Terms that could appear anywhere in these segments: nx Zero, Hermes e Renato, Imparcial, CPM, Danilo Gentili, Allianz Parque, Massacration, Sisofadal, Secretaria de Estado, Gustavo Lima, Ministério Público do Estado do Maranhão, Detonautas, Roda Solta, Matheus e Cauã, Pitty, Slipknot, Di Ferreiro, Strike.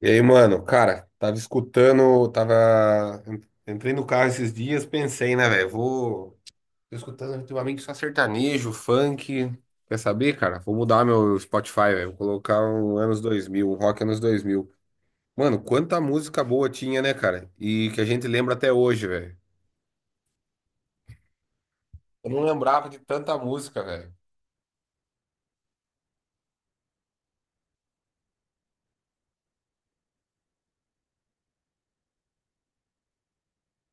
E aí, mano, cara, tava escutando, tava. Entrei no carro esses dias, pensei, né, velho? Vou. Tô escutando ultimamente só sertanejo, funk. Quer saber, cara? Vou mudar meu Spotify, velho. Vou colocar um anos 2000, um rock anos 2000. Mano, quanta música boa tinha, né, cara? E que a gente lembra até hoje, velho. Eu não lembrava de tanta música, velho.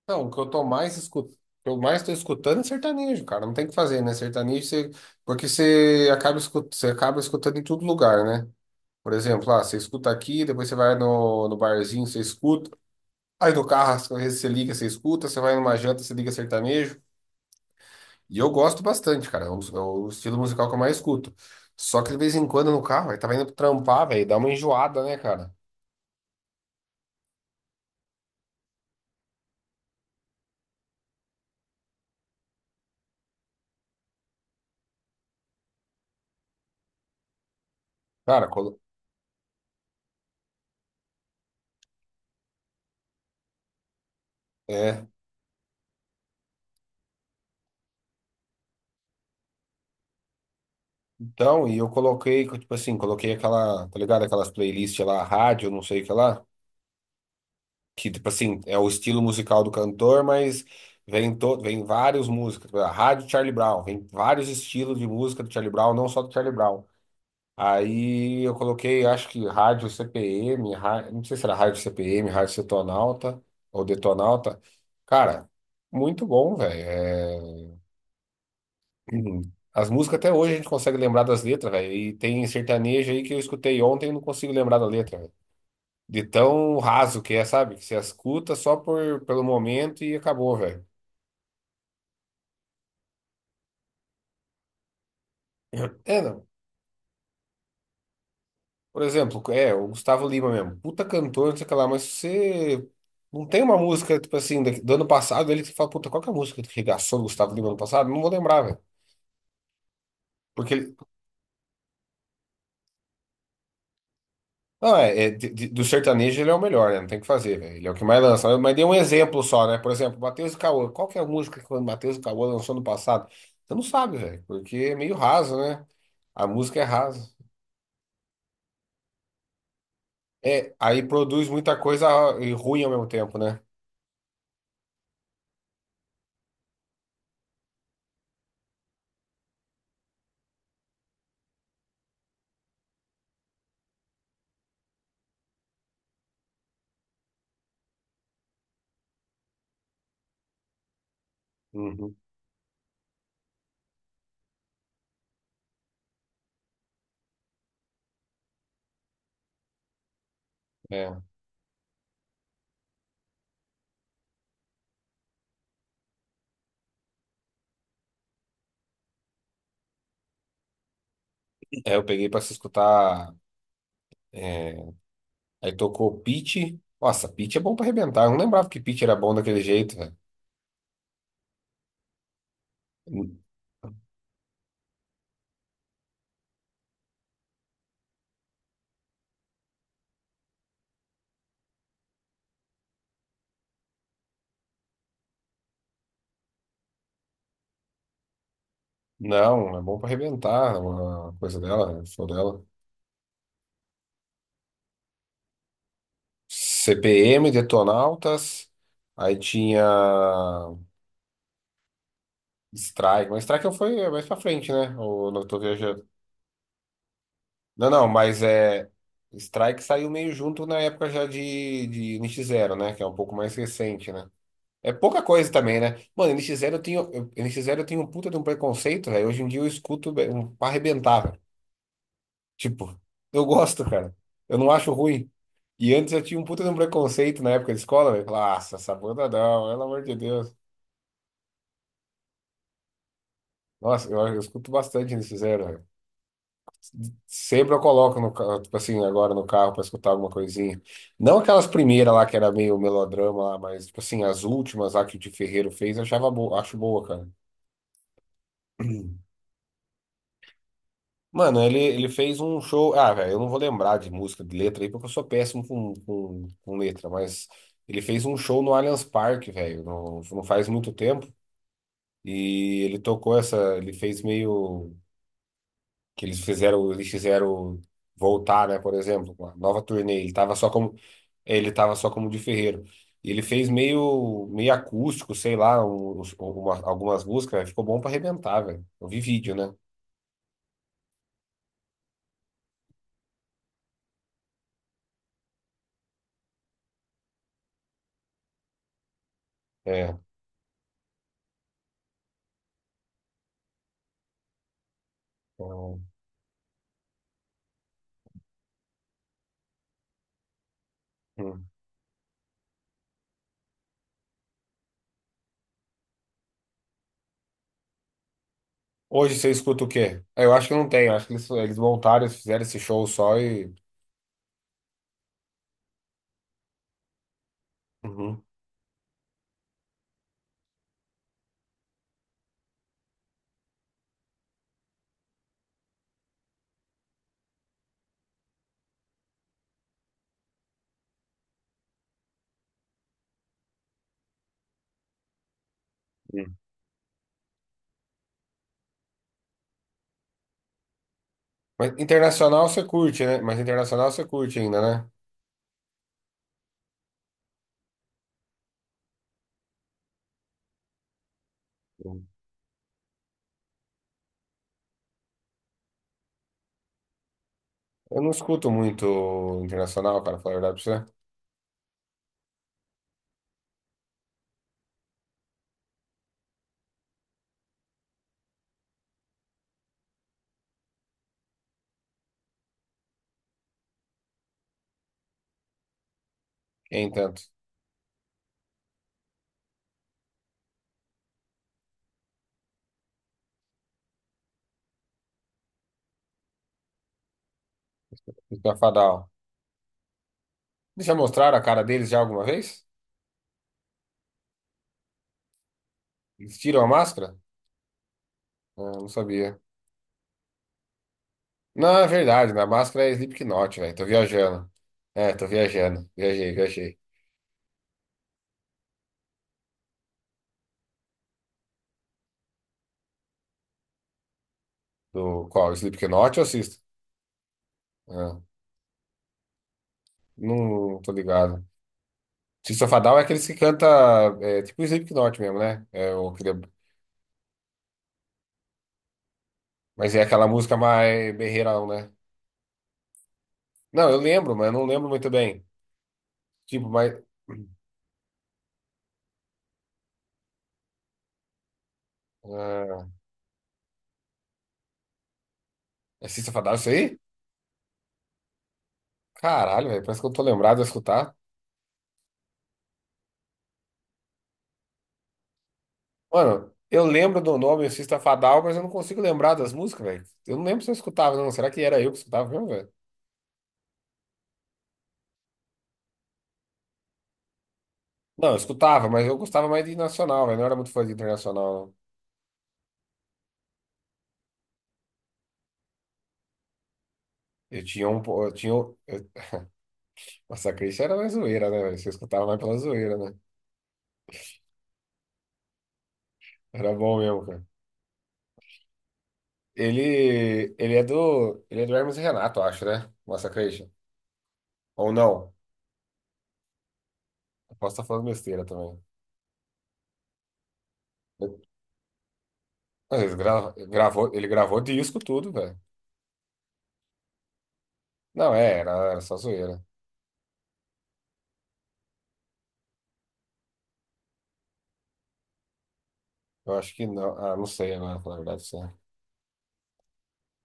Não, o que eu tô mais escutando. Eu mais tô escutando é sertanejo, cara. Não tem o que fazer, né? Sertanejo, você... porque você acaba, escut... você acaba escutando em todo lugar, né? Por exemplo, ah, você escuta aqui, depois você vai no barzinho, você escuta. Aí no carro, às vezes você liga, você escuta. Você vai numa janta, você liga sertanejo. E eu gosto bastante, cara. É o estilo musical que eu mais escuto. Só que de vez em quando no carro, aí tava indo trampar, velho, dá uma enjoada, né, cara? Cara, colo- é. Então, e eu coloquei, tipo assim, coloquei aquela, tá ligado? Aquelas playlists lá, rádio, não sei o que lá. Que tipo assim, é o estilo musical do cantor, mas vem todo, vem várias músicas, tipo, a rádio Charlie Brown, vem vários estilos de música do Charlie Brown, não só do Charlie Brown. Aí eu coloquei, acho que rádio CPM, não sei se era rádio CPM, rádio Setonalta ou Detonalta. Cara, muito bom, velho. É, uhum. As músicas até hoje a gente consegue lembrar das letras, velho. E tem sertanejo aí que eu escutei ontem e não consigo lembrar da letra. De tão raso que é, sabe? Que você escuta só por, pelo momento e acabou, velho. É, não. Por exemplo, é, o Gustavo Lima mesmo. Puta cantor, não sei o que lá, mas você. Não tem uma música, tipo assim, do ano passado, ele que fala, puta, qual que é a música que regaçou o Gustavo Lima ano passado? Não vou lembrar, velho. Porque ele. Não, é, é do sertanejo ele é o melhor, né? Não tem o que fazer, velho. Ele é o que mais lança. Mas dei um exemplo só, né? Por exemplo, Matheus e Cauã. Qual que é a música que o Matheus e Cauã lançou no passado? Você não sabe, velho. Porque é meio raso, né? A música é rasa. É, aí produz muita coisa e ruim ao mesmo tempo, né? Uhum. É. É, eu peguei pra se escutar. É, aí tocou Pitty. Nossa, Pitty é bom pra arrebentar. Eu não lembrava que Pitty era bom daquele jeito, velho. N- Não, é bom pra arrebentar. É uma coisa dela, né, o show dela. CPM, Detonautas. Aí tinha Strike. Mas Strike foi mais pra frente, né? Ou não tô viajando. Não, não, mas é. Strike saiu meio junto na época já de nx Zero, né? Que é um pouco mais recente, né? É pouca coisa também, né? Mano, nx Zero eu tenho, NX0 eu tenho um puta de um preconceito, velho. Hoje em dia eu escuto um, pra arrebentar, velho. Tipo, eu gosto, cara. Eu não acho ruim. E antes eu tinha um puta de um preconceito na época de escola, velho. Falava, nossa, essa banda não, pelo amor de Deus. Nossa, eu escuto bastante nx Zero, velho. Sempre eu coloco no carro, tipo assim, agora no carro pra escutar alguma coisinha. Não aquelas primeiras lá que era meio melodrama lá, mas tipo assim, as últimas lá que o Di Ferreiro fez, eu achava boa, acho boa, cara. Mano, ele fez um show. Ah, velho, eu não vou lembrar de música, de letra aí, porque eu sou péssimo com letra, mas ele fez um show no Allianz Parque, velho, não, não faz muito tempo. E ele tocou essa. Ele fez meio. Que eles fizeram voltar, né, por exemplo, com a nova turnê, ele tava só como ele tava só como de ferreiro. E ele fez meio meio acústico, sei lá, um, algumas músicas, velho, ficou bom pra arrebentar, velho. Eu vi vídeo, né? É. Então, hum. Hoje você escuta o quê? Ah, eu acho que não tem, eu acho que eles montaram, eles fizeram esse show só e uhum. Hum. Mas internacional você curte, né? Mas internacional você curte ainda, né? Hum. Eu não escuto muito internacional, cara, falar a verdade pra você. Nem tanto. Esbafadal. Eles já mostraram a cara deles já alguma vez? Eles tiram a máscara? Ah, não sabia. Não, é verdade, na máscara é Slipknot, velho. Tô viajando. É, tô viajando. Viajei, viajei. Do qual? Slipknot ou System? Ah, não tô ligado. Sisofadal é aqueles que canta é, tipo Slipknot mesmo, né? É, o que- mas é aquela música mais berreirão, né? Não, eu lembro, mas eu não lembro muito bem. Tipo, mas. Ah, é Sisofadal isso aí? Caralho, velho. Parece que eu tô lembrado de escutar. Mano, eu lembro do nome Artista Fadal, mas eu não consigo lembrar das músicas, velho. Eu não lembro se eu escutava, não. Será que era eu que escutava mesmo, velho? Não, eu escutava, mas eu gostava mais de nacional, velho. Não era muito fã de internacional, não. Eu tinha um. Eu tinha. Eu... Massacre isso era mais zoeira, né, velho? Você escutava mais pela zoeira, né? Era bom mesmo, cara. Ele. Ele é do. Ele é do Hermes e Renato, eu acho, né? Massacration. Ou não? Eu posso estar falando besteira também. Eu- Mas ele gravou, ele gravou disco tudo, velho. Não, é, era, era só zoeira. Eu acho que não. Ah, não sei agora, na verdade, sim.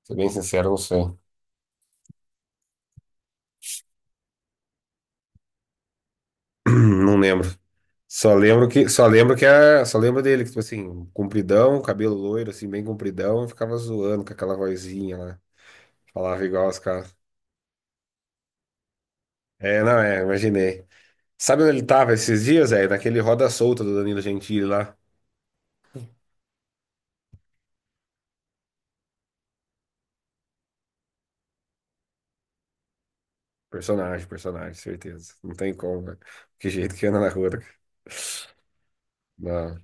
Ser bem sincero, não sei. Não lembro. Só lembro que a, só lembro dele, que, tipo assim, compridão, cabelo loiro, assim, bem compridão, e ficava zoando com aquela vozinha lá. Falava igual os caras. É, não, é, imaginei. Sabe onde ele tava esses dias, é? Naquele Roda Solta do Danilo Gentili lá. Personagem, personagem, certeza. Não tem como, velho. Que jeito que anda na rua, né? Não,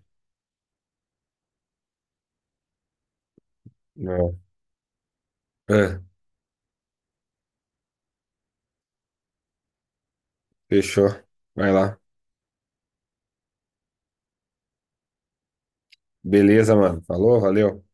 não. É, fechou. Vai lá. Beleza, mano. Falou, valeu.